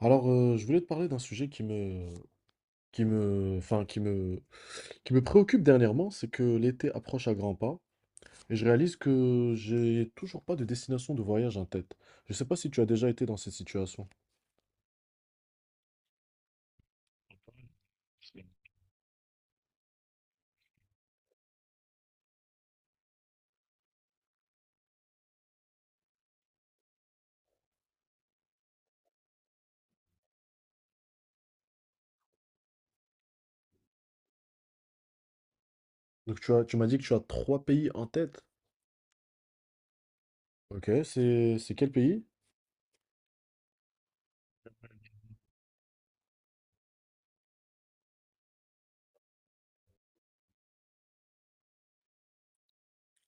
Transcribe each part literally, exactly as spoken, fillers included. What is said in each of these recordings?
Alors, euh, je voulais te parler d'un sujet qui me, qui me, enfin, qui me, qui me préoccupe dernièrement. C'est que l'été approche à grands pas et je réalise que j'ai toujours pas de destination de voyage en tête. Je sais pas si tu as déjà été dans cette situation. Donc, tu as, tu m'as dit que tu as trois pays en tête. Ok, c'est, c'est quel pays?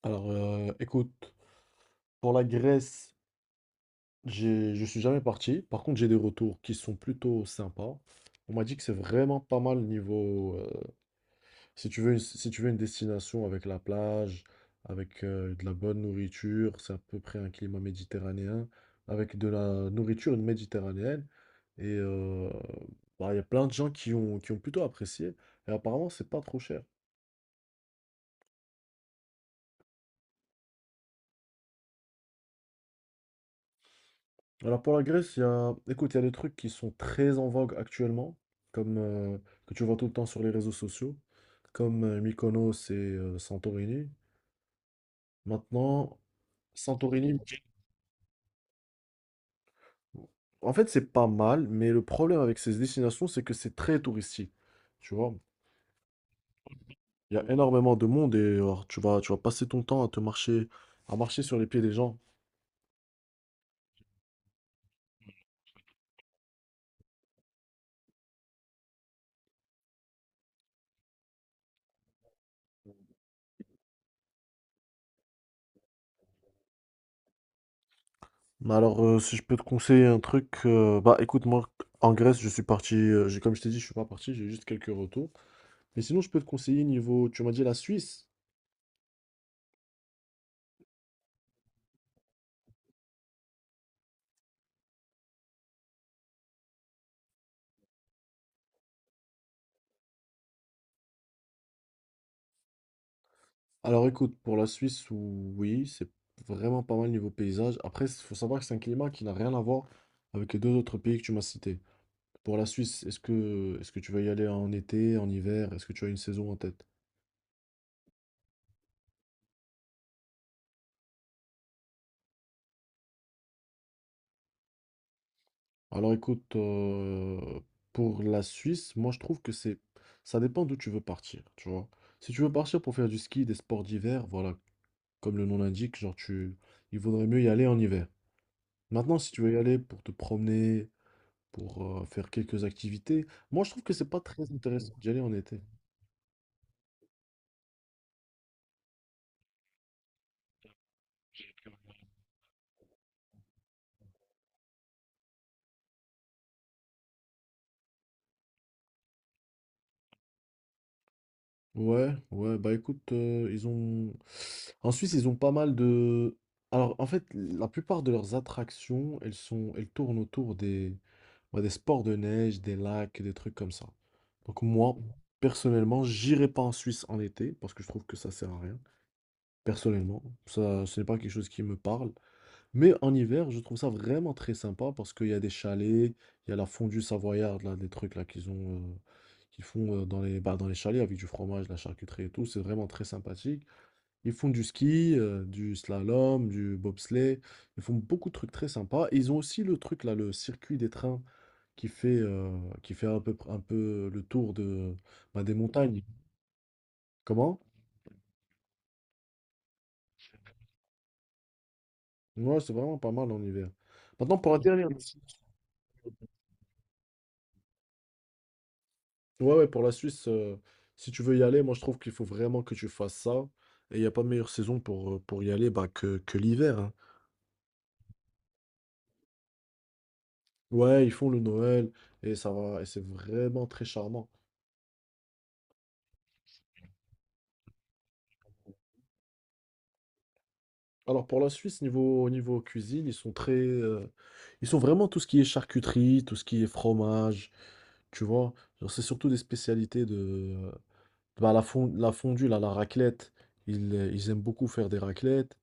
Alors, euh, écoute, pour la Grèce, j'ai, je suis jamais parti. Par contre, j'ai des retours qui sont plutôt sympas. On m'a dit que c'est vraiment pas mal niveau, euh. Si tu veux, une- si tu veux une destination avec la plage, avec euh, de la bonne nourriture, c'est à peu près un climat méditerranéen, avec de la nourriture méditerranéenne. Et euh, bah, il y a plein de gens qui ont, qui ont plutôt apprécié. Et apparemment, c'est pas trop cher. Alors pour la Grèce, il y a, écoute, il y a des trucs qui sont très en vogue actuellement, comme euh, que tu vois tout le temps sur les réseaux sociaux, comme euh, Mykonos et euh, Santorini. Maintenant, Santorini, en fait, c'est pas mal, mais le problème avec ces destinations, c'est que c'est très touristique. Tu vois, il y a Mm. énormément de monde et alors, tu vas, tu vas passer ton temps à te marcher, à marcher sur les pieds des gens. Mais alors, euh, si je peux te conseiller un truc, euh, bah écoute, moi, en Grèce, je suis parti, euh, j'ai, comme je t'ai dit, je suis pas parti, j'ai juste quelques retours. Mais sinon, je peux te conseiller niveau, tu m'as dit la Suisse. Alors écoute, pour la Suisse, ou- oui, c'est vraiment pas mal niveau paysage. Après, il faut savoir que c'est un climat qui n'a rien à voir avec les deux autres pays que tu m'as cités. Pour la Suisse, est-ce que, est-ce que tu vas y aller en été, en hiver? Est-ce que tu as une saison en tête? Alors écoute, euh, pour la Suisse, moi je trouve que c'est, ça dépend d'où tu veux partir, tu vois. Si tu veux partir pour faire du ski, des sports d'hiver, voilà, comme le nom l'indique, genre tu, il vaudrait mieux y aller en hiver. Maintenant, si tu veux y aller pour te promener, pour euh, faire quelques activités, moi je trouve que c'est pas très intéressant d'y aller en été. Ouais, ouais, bah écoute, euh, ils ont… En Suisse, ils ont pas mal de… Alors, en fait, la plupart de leurs attractions, elles sont… elles tournent autour des… bah, des sports de neige, des lacs, des trucs comme ça. Donc moi, personnellement, j'irai pas en Suisse en été, parce que je trouve que ça sert à rien. Personnellement, ça, ce n'est pas quelque chose qui me parle. Mais en hiver, je trouve ça vraiment très sympa parce qu'il y a des chalets, il y a la fondue savoyarde, là, des trucs là qu'ils ont, euh, qu'ils font euh, dans les, bah, dans les chalets avec du fromage, de la charcuterie et tout. C'est vraiment très sympathique. Ils font du ski, euh, du slalom, du bobsleigh. Ils font beaucoup de trucs très sympas. Et ils ont aussi le truc là, le circuit des trains qui fait, euh, qui fait un peu, un peu le tour de, bah, des montagnes. Comment? Ouais, c'est vraiment pas mal en hiver. Maintenant, pour la dernière. Ouais, ouais, pour la Suisse, euh, si tu veux y aller, moi je trouve qu'il faut vraiment que tu fasses ça. Et il n'y a pas meilleure saison pour, euh, pour y aller bah, que, que l'hiver, hein. Ouais, ils font le Noël et ça va, et c'est vraiment très charmant. Alors pour la Suisse, niveau, niveau cuisine, ils sont très, euh, ils sont vraiment tout ce qui est charcuterie, tout ce qui est fromage, tu vois. Genre, c'est surtout des spécialités de, bah, la fon- la fondue, là, la raclette. Ils, euh, ils aiment beaucoup faire des raclettes.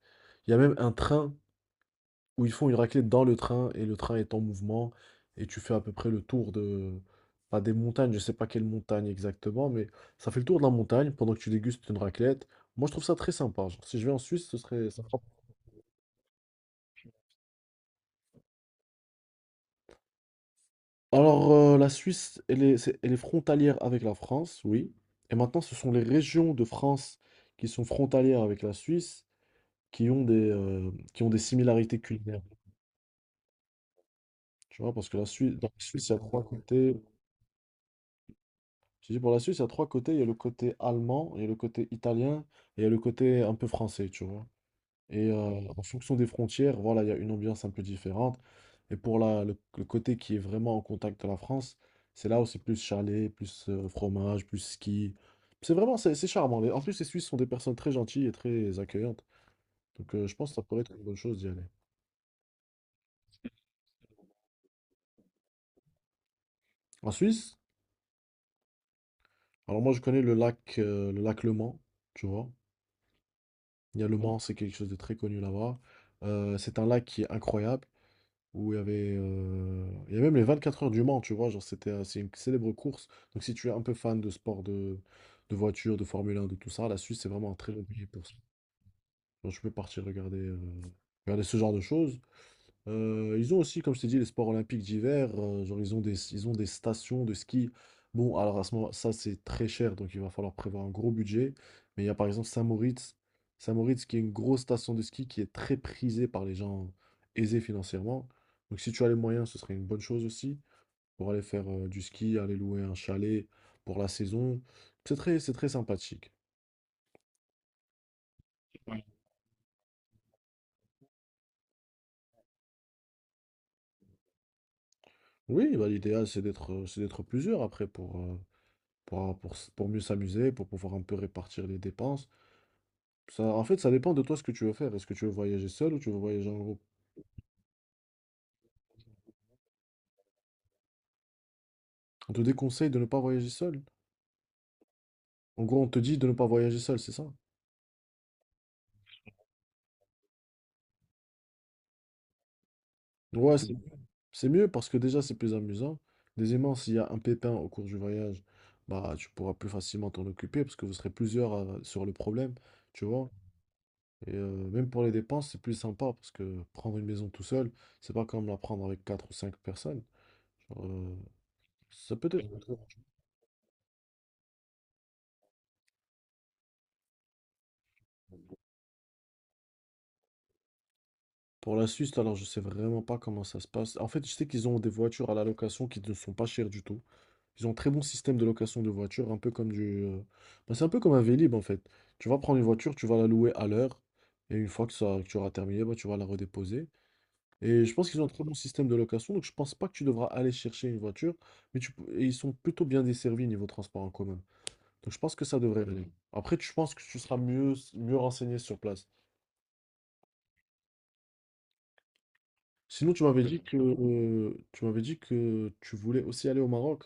Il y a même un train où ils font une raclette dans le train et le train est en mouvement et tu fais à peu près le tour de pas des montagnes, je sais pas quelle montagne exactement, mais ça fait le tour de la montagne pendant que tu dégustes une raclette. Moi, je trouve ça très sympa. Genre, si je vais en Suisse, ce serait ça fera- Alors, euh, la Suisse, elle est, c'est- elle est frontalière avec la France, oui. Et maintenant, ce sont les régions de France qui sont frontalières avec la Suisse qui ont des, euh, qui ont des similarités culinaires. Tu vois, parce que la Suisse, dans la Suisse, il y a trois côtés. Tu dis, pour la Suisse, il y a trois côtés. Il y a le côté allemand, il y a le côté italien, et il y a le côté un peu français, tu vois. Et euh, en fonction des frontières, voilà, il y a une ambiance un peu différente. Et pour la, le, le côté qui est vraiment en contact de la France, c'est là où c'est plus chalet, plus euh, fromage, plus ski. C'est vraiment, c'est c'est charmant. Les- En plus, les Suisses sont des personnes très gentilles et très accueillantes. Donc, euh, je pense que ça pourrait être une bonne chose d'y aller. En Suisse, alors moi, je connais le lac, euh, le lac Le Mans, tu vois. Il y a le Mans, c'est quelque chose de très connu là-bas. Euh, c'est un lac qui est incroyable, où il y avait, euh, il y a même les vingt-quatre heures du Mans, tu vois, genre c'était, euh, c'est une célèbre course. Donc si tu es un peu fan de sport, de, de voiture, de Formule un, de tout ça, la Suisse, c'est vraiment un très bon pays pour ça. Donc, tu peux partir regarder, euh, regarder ce genre de choses. Euh, ils ont aussi, comme je t'ai dit, les sports olympiques d'hiver, euh, genre, ils ont des, ils ont des stations de ski. Bon, alors à ce moment, ça c'est très cher, donc il va falloir prévoir un gros budget. Mais il y a par exemple Saint-Moritz, Saint-Moritz qui est une grosse station de ski qui est très prisée par les gens aisés financièrement. Donc si tu as les moyens, ce serait une bonne chose aussi pour aller faire euh, du ski, aller louer un chalet pour la saison. C'est très, c'est très sympathique. Oui, bah, l'idéal c'est d'être, euh, c'est d'être plusieurs après pour, euh, pour, pour, pour mieux s'amuser, pour pouvoir un peu répartir les dépenses. Ça, en fait, ça dépend de toi ce que tu veux faire. Est-ce que tu veux voyager seul ou tu veux voyager en groupe? On te déconseille de ne pas voyager seul. En gros, on te dit de ne pas voyager seul, c'est ça? Ouais, c'est Mm. c'est mieux parce que déjà, c'est plus amusant. Deuxièmement, s'il y a un pépin au cours du voyage, bah, tu pourras plus facilement t'en occuper parce que vous serez plusieurs à- sur le problème, tu vois? Et euh, même pour les dépenses, c'est plus sympa parce que prendre une maison tout seul, c'est pas comme la prendre avec quatre ou cinq personnes. Genre, euh, ça peut être. Pour la Suisse, alors je sais vraiment pas comment ça se passe. En fait, je sais qu'ils ont des voitures à la location qui ne sont pas chères du tout. Ils ont un très bon système de location de voitures, un peu comme du, euh, bah, c'est un peu comme un Vélib en fait. Tu vas prendre une voiture, tu vas la louer à l'heure, et une fois que, ça, que tu auras terminé, bah, tu vas la redéposer. Et je pense qu'ils ont un très bon système de location, donc je pense pas que tu devras aller chercher une voiture, mais tu, peux- et ils sont plutôt bien desservis niveau transport en commun. Donc je pense que ça devrait aller. Après, tu- je pense que tu seras mieux, mieux renseigné sur place. Sinon, tu m'avais Euh, dit que euh, tu m'avais dit que tu voulais aussi aller au Maroc.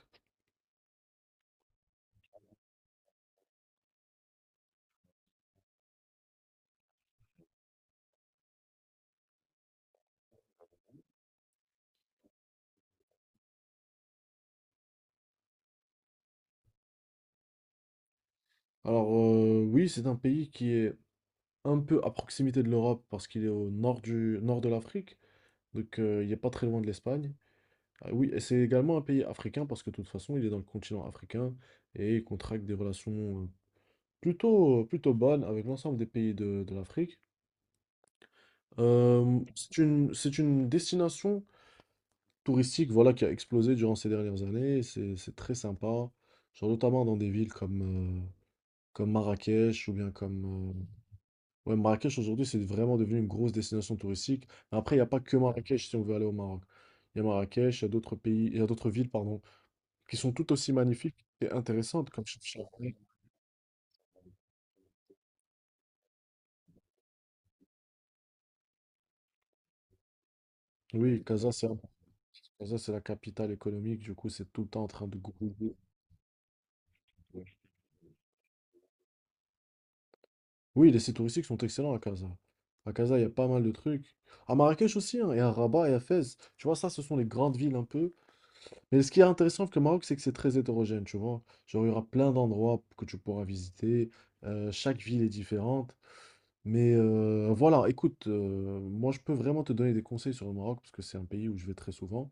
Alors euh, oui, c'est un pays qui est un peu à proximité de l'Europe parce qu'il est au nord du nord de l'Afrique, donc euh, il n'est pas très loin de l'Espagne. Ah oui, et c'est également un pays africain parce que de toute façon, il est dans le continent africain et il contracte des relations euh, plutôt plutôt bonnes avec l'ensemble des pays de, de l'Afrique. Euh, c'est une c'est une destination touristique voilà, qui a explosé durant ces dernières années, et C'est c'est très sympa, genre notamment dans des villes comme, euh, comme Marrakech ou bien comme… euh, ouais, Marrakech aujourd'hui, c'est vraiment devenu une grosse destination touristique. Mais après, il n'y a pas que Marrakech si on veut aller au Maroc. Il y a Marrakech, il y a d'autres pays, il y a d'autres villes, pardon, qui sont tout aussi magnifiques et intéressantes, comme Chefchaouen. Oui, Casa, c'est un- Casa, c'est la capitale économique, du coup, c'est tout le temps en train de grouiller. Oui, les sites touristiques sont excellents à Casa. À Casa, il y a pas mal de trucs. À Marrakech aussi, hein, et à Rabat et à Fès. Tu vois, ça, ce sont les grandes villes un peu. Mais ce qui est intéressant avec le Maroc, c'est que c'est très hétérogène, tu vois. Genre, il y aura plein d'endroits que tu pourras visiter, euh, chaque ville est différente. Mais heu, voilà, écoute, heu, moi, je peux vraiment te donner des conseils sur le Maroc parce que c'est un pays où je vais très souvent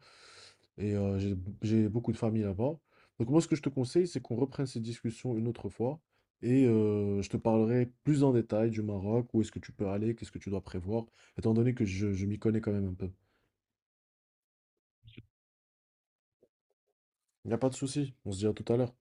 et heu, j'ai j'ai beaucoup de famille là-bas. Donc moi, ce que je te conseille, c'est qu'on reprenne cette discussion une autre fois et heu, je te parlerai plus en détail du Maroc, où est-ce que tu peux aller, qu'est-ce que tu dois prévoir, étant donné que je je m'y connais quand même un peu. Il n'y a pas de souci, on se dit à tout à l'heure.